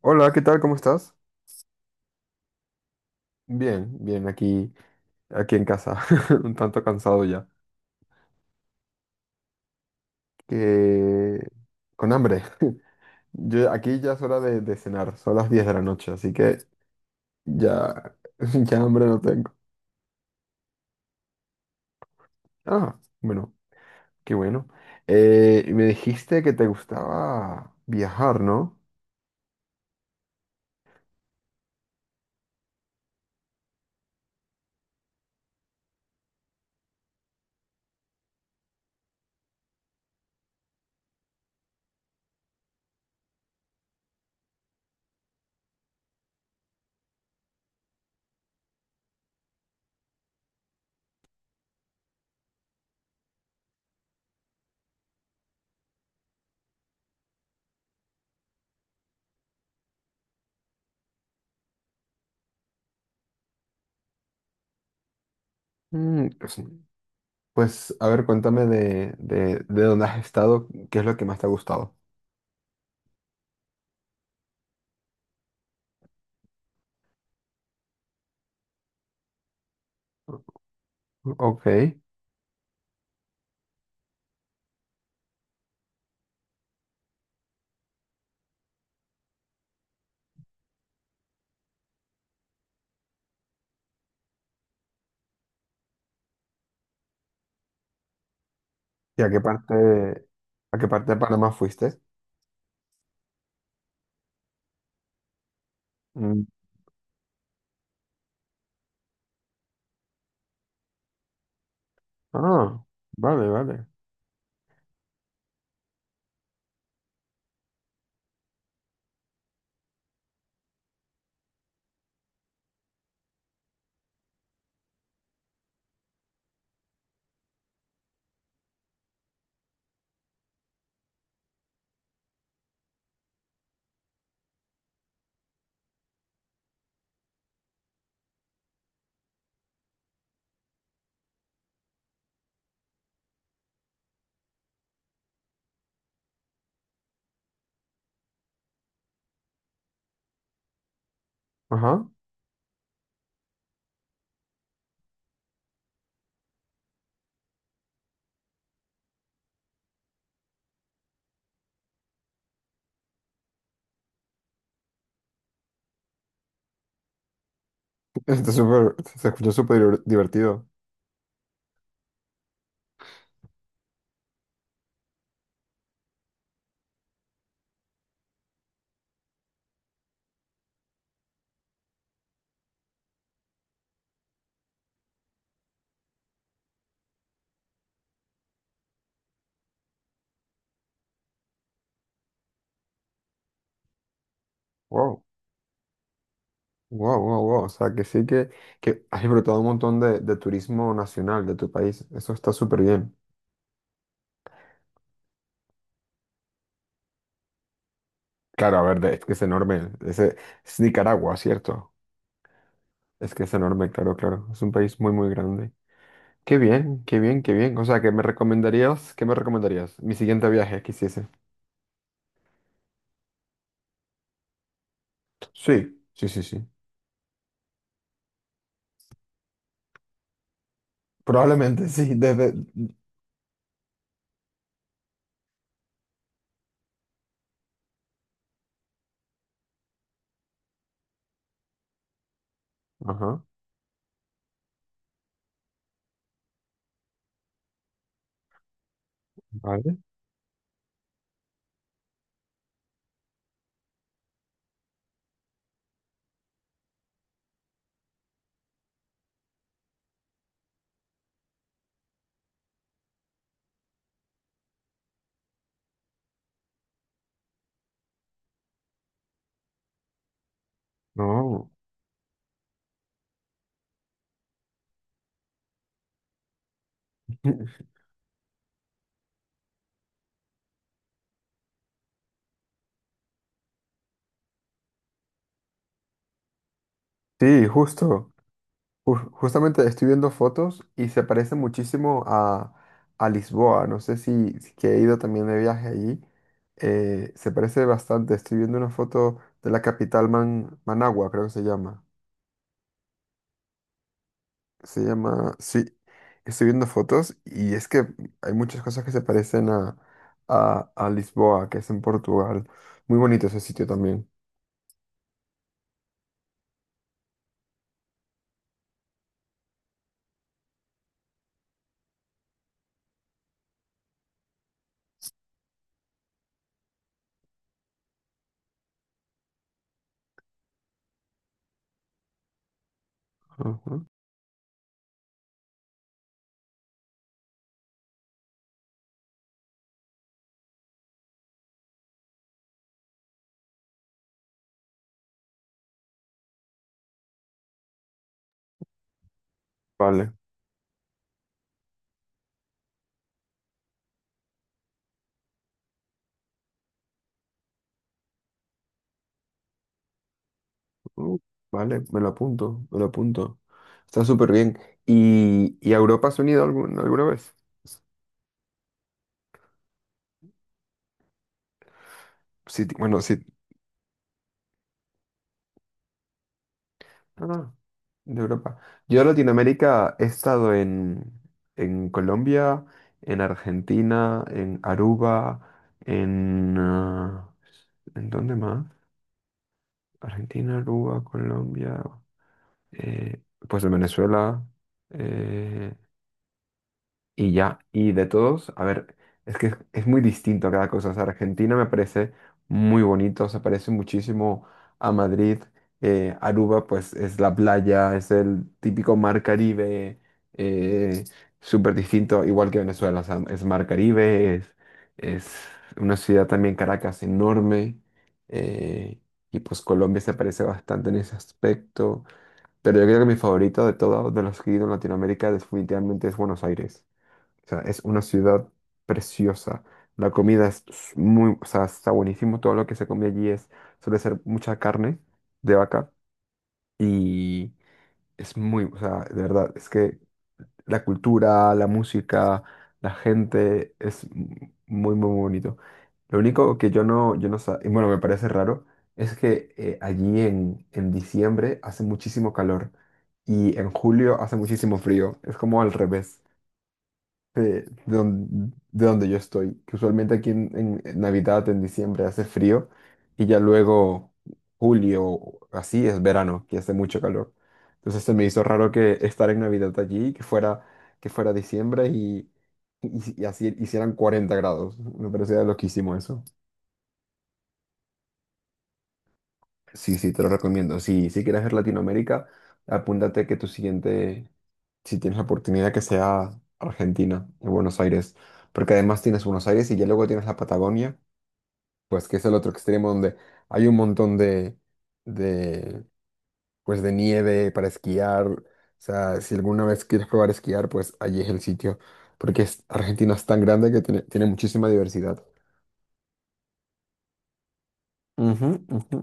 Hola, ¿qué tal? ¿Cómo estás? Bien, bien, aquí, aquí en casa, un tanto cansado ya. Que... Con hambre. Yo, aquí ya es hora de cenar, son las 10 de la noche, así que ya, ya hambre no tengo. Ah, bueno, qué bueno. Y me dijiste que te gustaba viajar, ¿no? Mm, pues, a ver, cuéntame de dónde has estado, qué es lo que más te ha gustado. Ok. ¿Y a qué parte, a qué parte de Panamá fuiste? Ah, vale, vale. Ajá. Está súper, se escucha súper divertido. Wow, wow, wow, wow. O sea, que sí que has disfrutado un montón de turismo nacional de tu país. Eso está súper bien. Claro, a ver, es que es enorme. Ese, es Nicaragua, ¿cierto? Es que es enorme, claro, claro. Es un país muy, muy grande. Qué bien, qué bien, qué bien. O sea, ¿qué me recomendarías? ¿Qué me recomendarías? Mi siguiente viaje que hiciese. Sí, sí, sí, sí. Probablemente sí, desde... Ajá, vale. No. Sí, justo. Justamente estoy viendo fotos y se parece muchísimo a Lisboa. No sé si, si que he ido también de viaje allí. Se parece bastante. Estoy viendo una foto de la capital Managua, creo que se llama. Se llama, sí. Estoy viendo fotos y es que hay muchas cosas que se parecen a Lisboa, que es en Portugal. Muy bonito ese sitio también. Ujú. Vale. Mm, vale, me lo apunto, me lo apunto. Está súper bien. Y a Europa has venido alguna vez? Sí, bueno, sí. No, no, de Europa. Yo a Latinoamérica he estado en Colombia, en Argentina, en Aruba, en... ah, ¿en dónde más? Argentina, Aruba, Colombia, eh, pues en Venezuela. eh, Y ya, y de todos, a ver, es que es muy distinto cada cosa. O sea, Argentina me parece muy bonito, se parece muchísimo a Madrid. Aruba, pues es la playa, es el típico mar Caribe, eh, súper distinto, igual que Venezuela. O sea, es mar Caribe, es una ciudad también, Caracas, enorme. eh, y pues Colombia se parece bastante en ese aspecto. Pero yo creo que mi favorito de todos, de los que he ido en Latinoamérica, definitivamente es Buenos Aires. O sea, es una ciudad preciosa. La comida muy, o sea, está buenísimo. Todo lo que se come allí suele ser mucha carne de vaca y es muy, o sea, de verdad, es que la cultura, la música, la gente muy, muy bonito. Lo único que yo no sa- y bueno, me parece raro, es que allí en diciembre hace muchísimo calor y en julio hace muchísimo frío. Es como al revés de donde yo estoy, que usualmente aquí en Navidad, en diciembre, hace frío y ya luego julio, así es verano, que hace mucho calor. Entonces se me hizo raro que estar en Navidad allí, que fuera diciembre y así hicieran 40 grados. Me parecía loquísimo eso. Sí, sí, te lo recomiendo. Si, si quieres ver Latinoamérica, apúntate que tu siguiente, si tienes la oportunidad, que sea Argentina, en Buenos Aires. Porque además tienes Buenos Aires y ya luego tienes la Patagonia, pues que es el otro extremo donde hay un montón de, pues, de nieve para esquiar. O sea, si alguna vez quieres probar esquiar, pues allí es el sitio. Porque Argentina es tan grande que tiene, tiene muchísima diversidad. Ujú, ujú.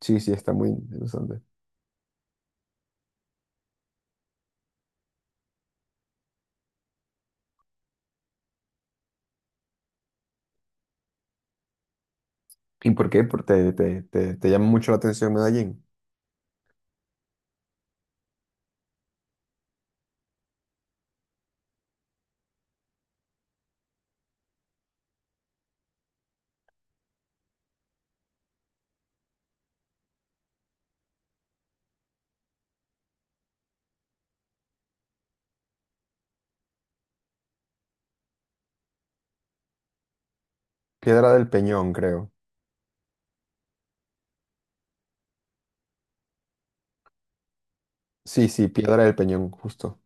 Sí, sí, está muy interesante. ¿Y por qué? Te llama mucho la atención Medellín. Piedra del Peñón, creo. Sí, sí, Piedra del Peñón, justo.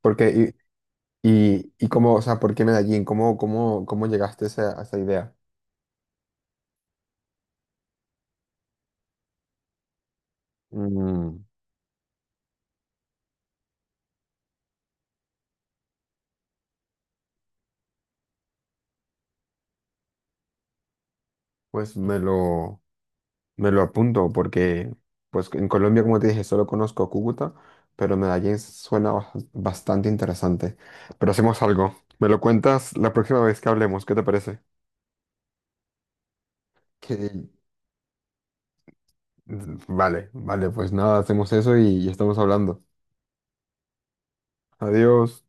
Porque, y cómo, o sea, ¿por qué Medellín? Cómo, cómo, ¿cómo llegaste a esa idea? Mm, pues me lo apunto, porque pues en Colombia, como te dije, solo conozco Cúcuta, pero Medellín suena bastante interesante. Pero hacemos algo. Me lo cuentas la próxima vez que hablemos, ¿qué te parece? Que... Vale, vale, pues nada, hacemos eso y estamos hablando. Adiós.